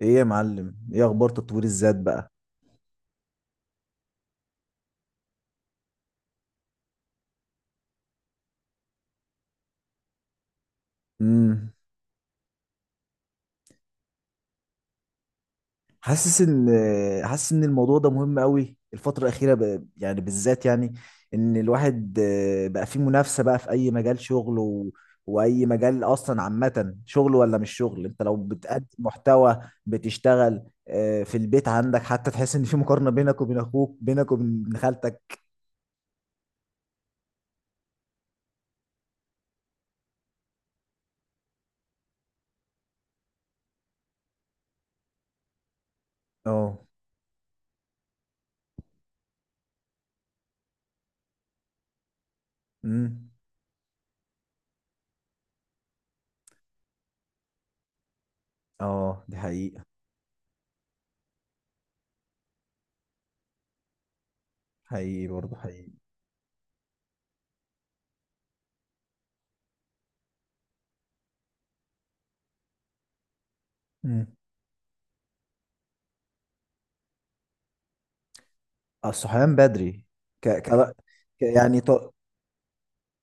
ايه يا معلم، ايه اخبار تطوير الذات بقى؟ امم. حاسس ان حاسس ان الموضوع ده مهم قوي الفتره الاخيره، يعني بالذات، يعني ان الواحد بقى فيه منافسه بقى في اي مجال شغل، واي مجال اصلا عامه شغل ولا مش شغل. انت لو بتقدم محتوى بتشتغل في البيت عندك، حتى تحس ان في مقارنه بينك وبين اخوك، بينك وبين ابن خالتك. اه. امم. اه، دي حقيقه. حقيقي برضه حقيقي. مم. الصحيان بدري. ك... ك... يعني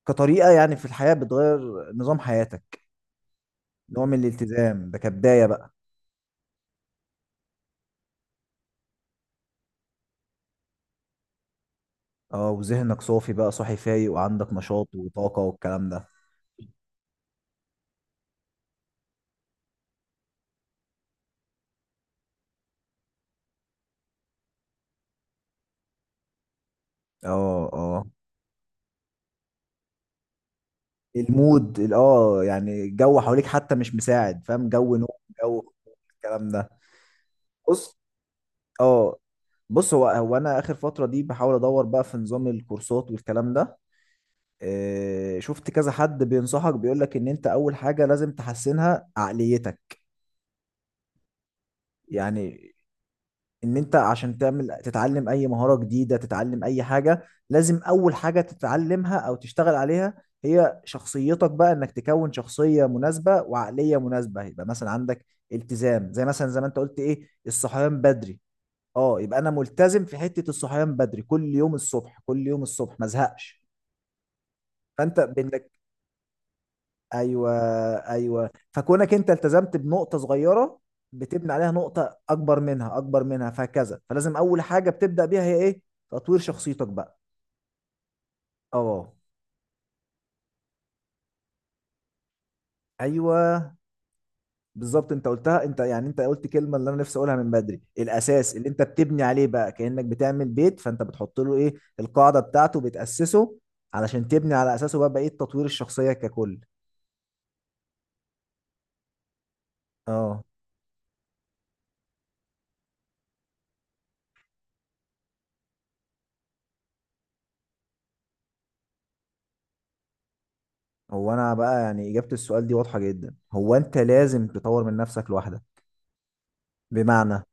كطريقة، يعني في الحياة بتغير نظام حياتك. نوع من الالتزام ده كبداية بقى. اه، وذهنك صافي بقى، صاحي فايق، وعندك نشاط وطاقة والكلام ده. اه اه. المود اه، يعني الجو حواليك حتى مش مساعد، فاهم؟ جو نوم. جو الكلام ده. بص. اه. بص، هو هو انا اخر فترة دي بحاول ادور بقى في نظام الكورسات والكلام ده. شفت كذا حد بينصحك بيقول لك ان انت اول حاجة لازم تحسنها عقليتك. يعني ان انت عشان تعمل، تتعلم اي مهارة جديدة، تتعلم اي حاجة، لازم اول حاجة تتعلمها او تشتغل عليها هي شخصيتك بقى، انك تكون شخصية مناسبة وعقلية مناسبة. يبقى مثلا عندك التزام، زي مثلا زي ما انت قلت ايه، الصحيان بدري. اه، يبقى انا ملتزم في حتة الصحيان بدري، كل يوم الصبح، كل يوم الصبح ما ازهقش. فانت بانك ايوه. ايوه، فكونك انت التزمت بنقطه صغيره، بتبني عليها نقطه اكبر منها، اكبر منها، فهكذا. فلازم اول حاجه بتبدا بيها هي ايه؟ تطوير شخصيتك بقى. اه. ايوه، بالظبط. انت قلتها انت، يعني انت قلت كلمه اللي انا نفسي اقولها من بدري: الاساس اللي انت بتبني عليه بقى. كانك بتعمل بيت، فانت بتحط له ايه، القاعده بتاعته، بتاسسه علشان تبني على اساسه بقى بقيه تطوير الشخصيه ككل. اه. هو انا بقى يعني اجابه السؤال دي واضحه جدا، هو انت لازم تطور من نفسك لوحدك. بمعنى،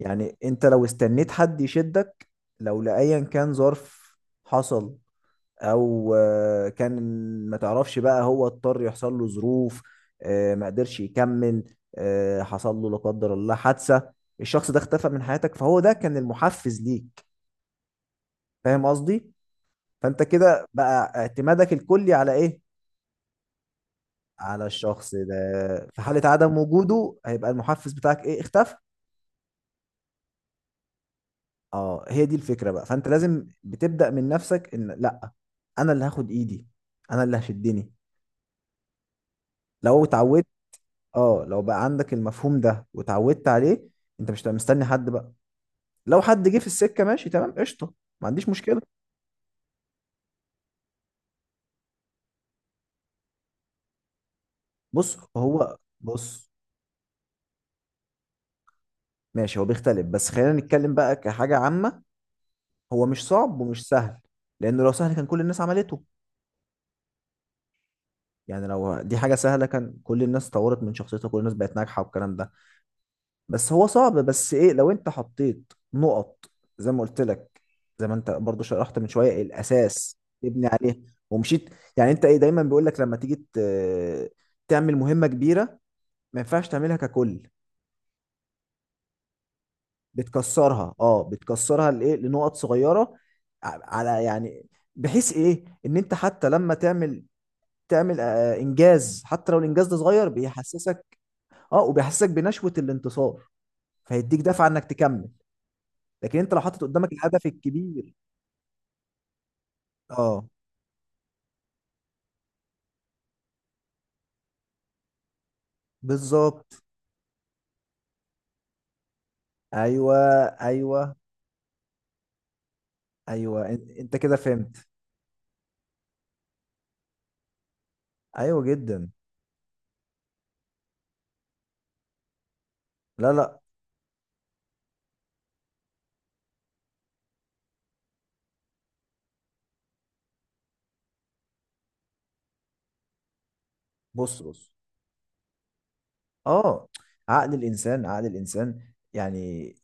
يعني انت لو استنيت حد يشدك، لو لأيا كان ظرف حصل، او كان، ما تعرفش بقى هو اضطر يحصل له ظروف، ما قدرش يكمل، حصل له لا قدر الله حادثة، الشخص ده اختفى من حياتك، فهو ده كان المحفز ليك، فاهم قصدي؟ فانت كده بقى اعتمادك الكلي على ايه؟ على الشخص ده. في حالة عدم وجوده هيبقى المحفز بتاعك ايه؟ اختفى. اه، هي دي الفكرة بقى. فانت لازم بتبدأ من نفسك، ان لا، انا اللي هاخد ايدي، انا اللي هشدني. لو اتعودت، اه، لو بقى عندك المفهوم ده واتعودت عليه، انت مش هتبقى مستني حد بقى. لو حد جه في السكة ماشي، تمام، قشطة، ما عنديش مشكلة. بص. هو بص، ماشي، هو بيختلف، بس خلينا نتكلم بقى كحاجة عامة. هو مش صعب ومش سهل، لانه لو سهل كان كل الناس عملته. يعني لو دي حاجة سهلة، كان كل الناس طورت من شخصيتها، كل الناس بقت ناجحة والكلام ده. بس هو صعب، بس ايه، لو انت حطيت نقط زي ما قلت لك، زي ما انت برضو شرحت من شويه، الاساس تبني عليه ومشيت. يعني انت ايه، دايما بيقول لك لما تيجي تعمل مهمه كبيره، ما ينفعش تعملها ككل، بتكسرها، اه، بتكسرها لايه، لنقط صغيره على، يعني، بحيث ايه ان انت حتى لما تعمل، تعمل انجاز، حتى لو الانجاز ده صغير، بيحسسك، اه، وبيحسسك بنشوه الانتصار، فيديك دفعه انك تكمل. لكن انت لو حاطط قدامك الهدف الكبير، اه. بالظبط. ايوه ايوه ايوه، انت كده فهمت. ايوه جدا. لا لا. بص بص. اه. عقل الانسان، عقل الانسان يعني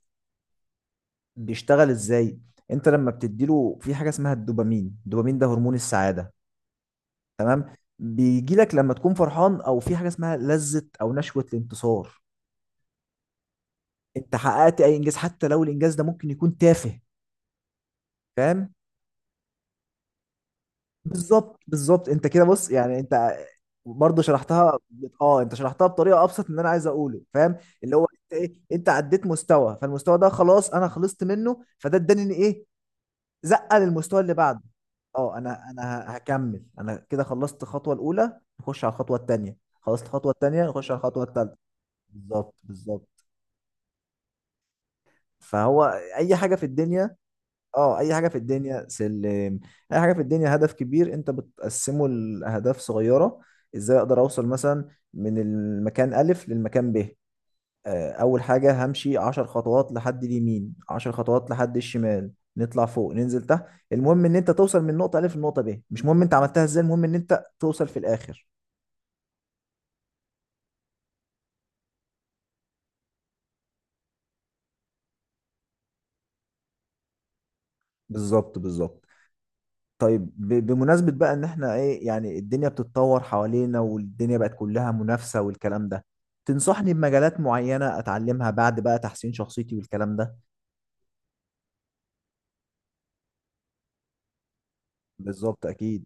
بيشتغل ازاي؟ انت لما بتديله في حاجه اسمها الدوبامين، الدوبامين ده هرمون السعاده. تمام، بيجي لك لما تكون فرحان، او في حاجه اسمها لذه او نشوه الانتصار، انت حققت اي انجاز حتى لو الانجاز ده ممكن يكون تافه، فاهم؟ بالظبط بالظبط. انت كده، بص، يعني انت برضه شرحتها، اه، انت شرحتها بطريقه ابسط من اللي انا عايز اقوله، فاهم؟ اللي هو انت ايه، انت عديت مستوى، فالمستوى ده خلاص انا خلصت منه، فده اداني ان ايه، زقه للمستوى اللي بعده. اه، انا انا هكمل. انا كده خلصت الخطوه الاولى، نخش على الخطوه الثانيه. خلصت الخطوه الثانيه، نخش على الخطوه الثالثه. بالظبط بالظبط. فهو اي حاجه في الدنيا، اه، اي حاجه في الدنيا سلم. اي حاجه في الدنيا هدف كبير، انت بتقسمه لاهداف صغيره. ازاي اقدر اوصل مثلا من المكان الف للمكان ب؟ اول حاجه همشي 10 خطوات لحد اليمين، 10 خطوات لحد الشمال، نطلع فوق، ننزل تحت. المهم ان انت توصل من نقطه الف لنقطه ب، مش مهم انت عملتها ازاي، المهم ان انت توصل في الاخر. بالظبط بالظبط. طيب، بمناسبة بقى ان احنا ايه، يعني الدنيا بتتطور حوالينا، والدنيا بقت كلها منافسة والكلام ده، تنصحني بمجالات معينة اتعلمها بعد بقى تحسين شخصيتي والكلام ده؟ بالظبط، اكيد.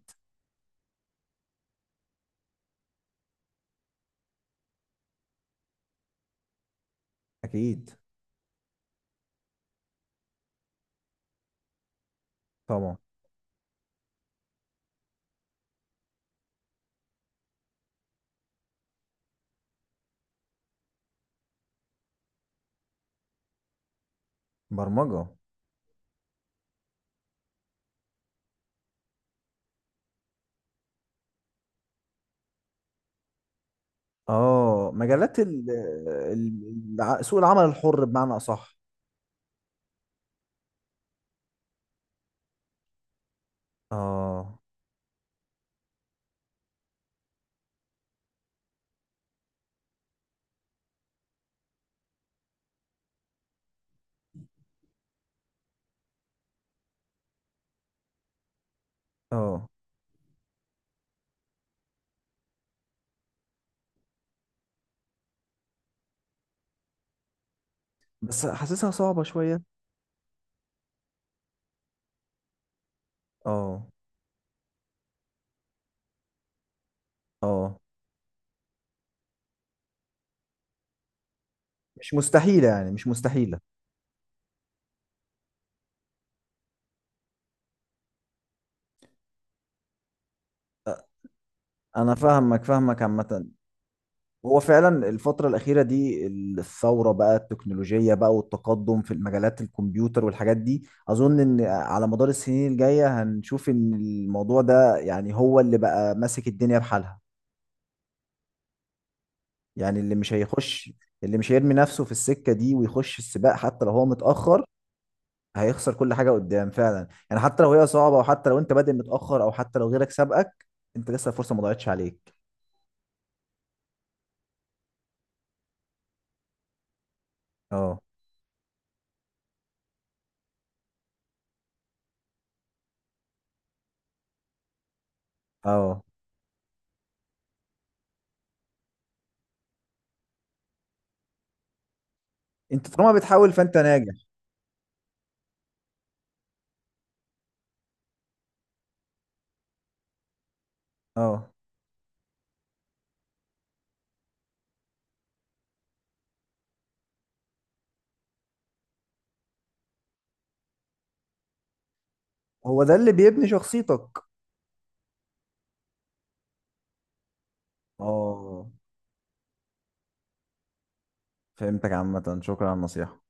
اكيد طبعا. برمجة. اه، مجالات سوق العمل الحر، بمعنى اصح. اه اه. بس حاسسها صعبة شوية. اه اه. مش مستحيلة، يعني مش مستحيلة. انا فاهمك، فاهمك عامة. هو فعلا الفترة الأخيرة دي الثورة بقى التكنولوجية بقى والتقدم في المجالات الكمبيوتر والحاجات دي، أظن إن على مدار السنين الجاية هنشوف إن الموضوع ده يعني هو اللي بقى ماسك الدنيا بحالها. يعني اللي مش هيخش، اللي مش هيرمي نفسه في السكة دي ويخش السباق حتى لو هو متأخر، هيخسر كل حاجة قدام، فعلا. يعني حتى لو هي صعبة، وحتى لو أنت بادئ متأخر، أو حتى لو غيرك سبقك، أنت لسه الفرصة ما ضاعتش عليك. أه. أه، أنت طالما بتحاول فأنت ناجح. أه، هو ده اللي بيبني شخصيتك. اه، فهمتك عامة، شكرا على النصيحة.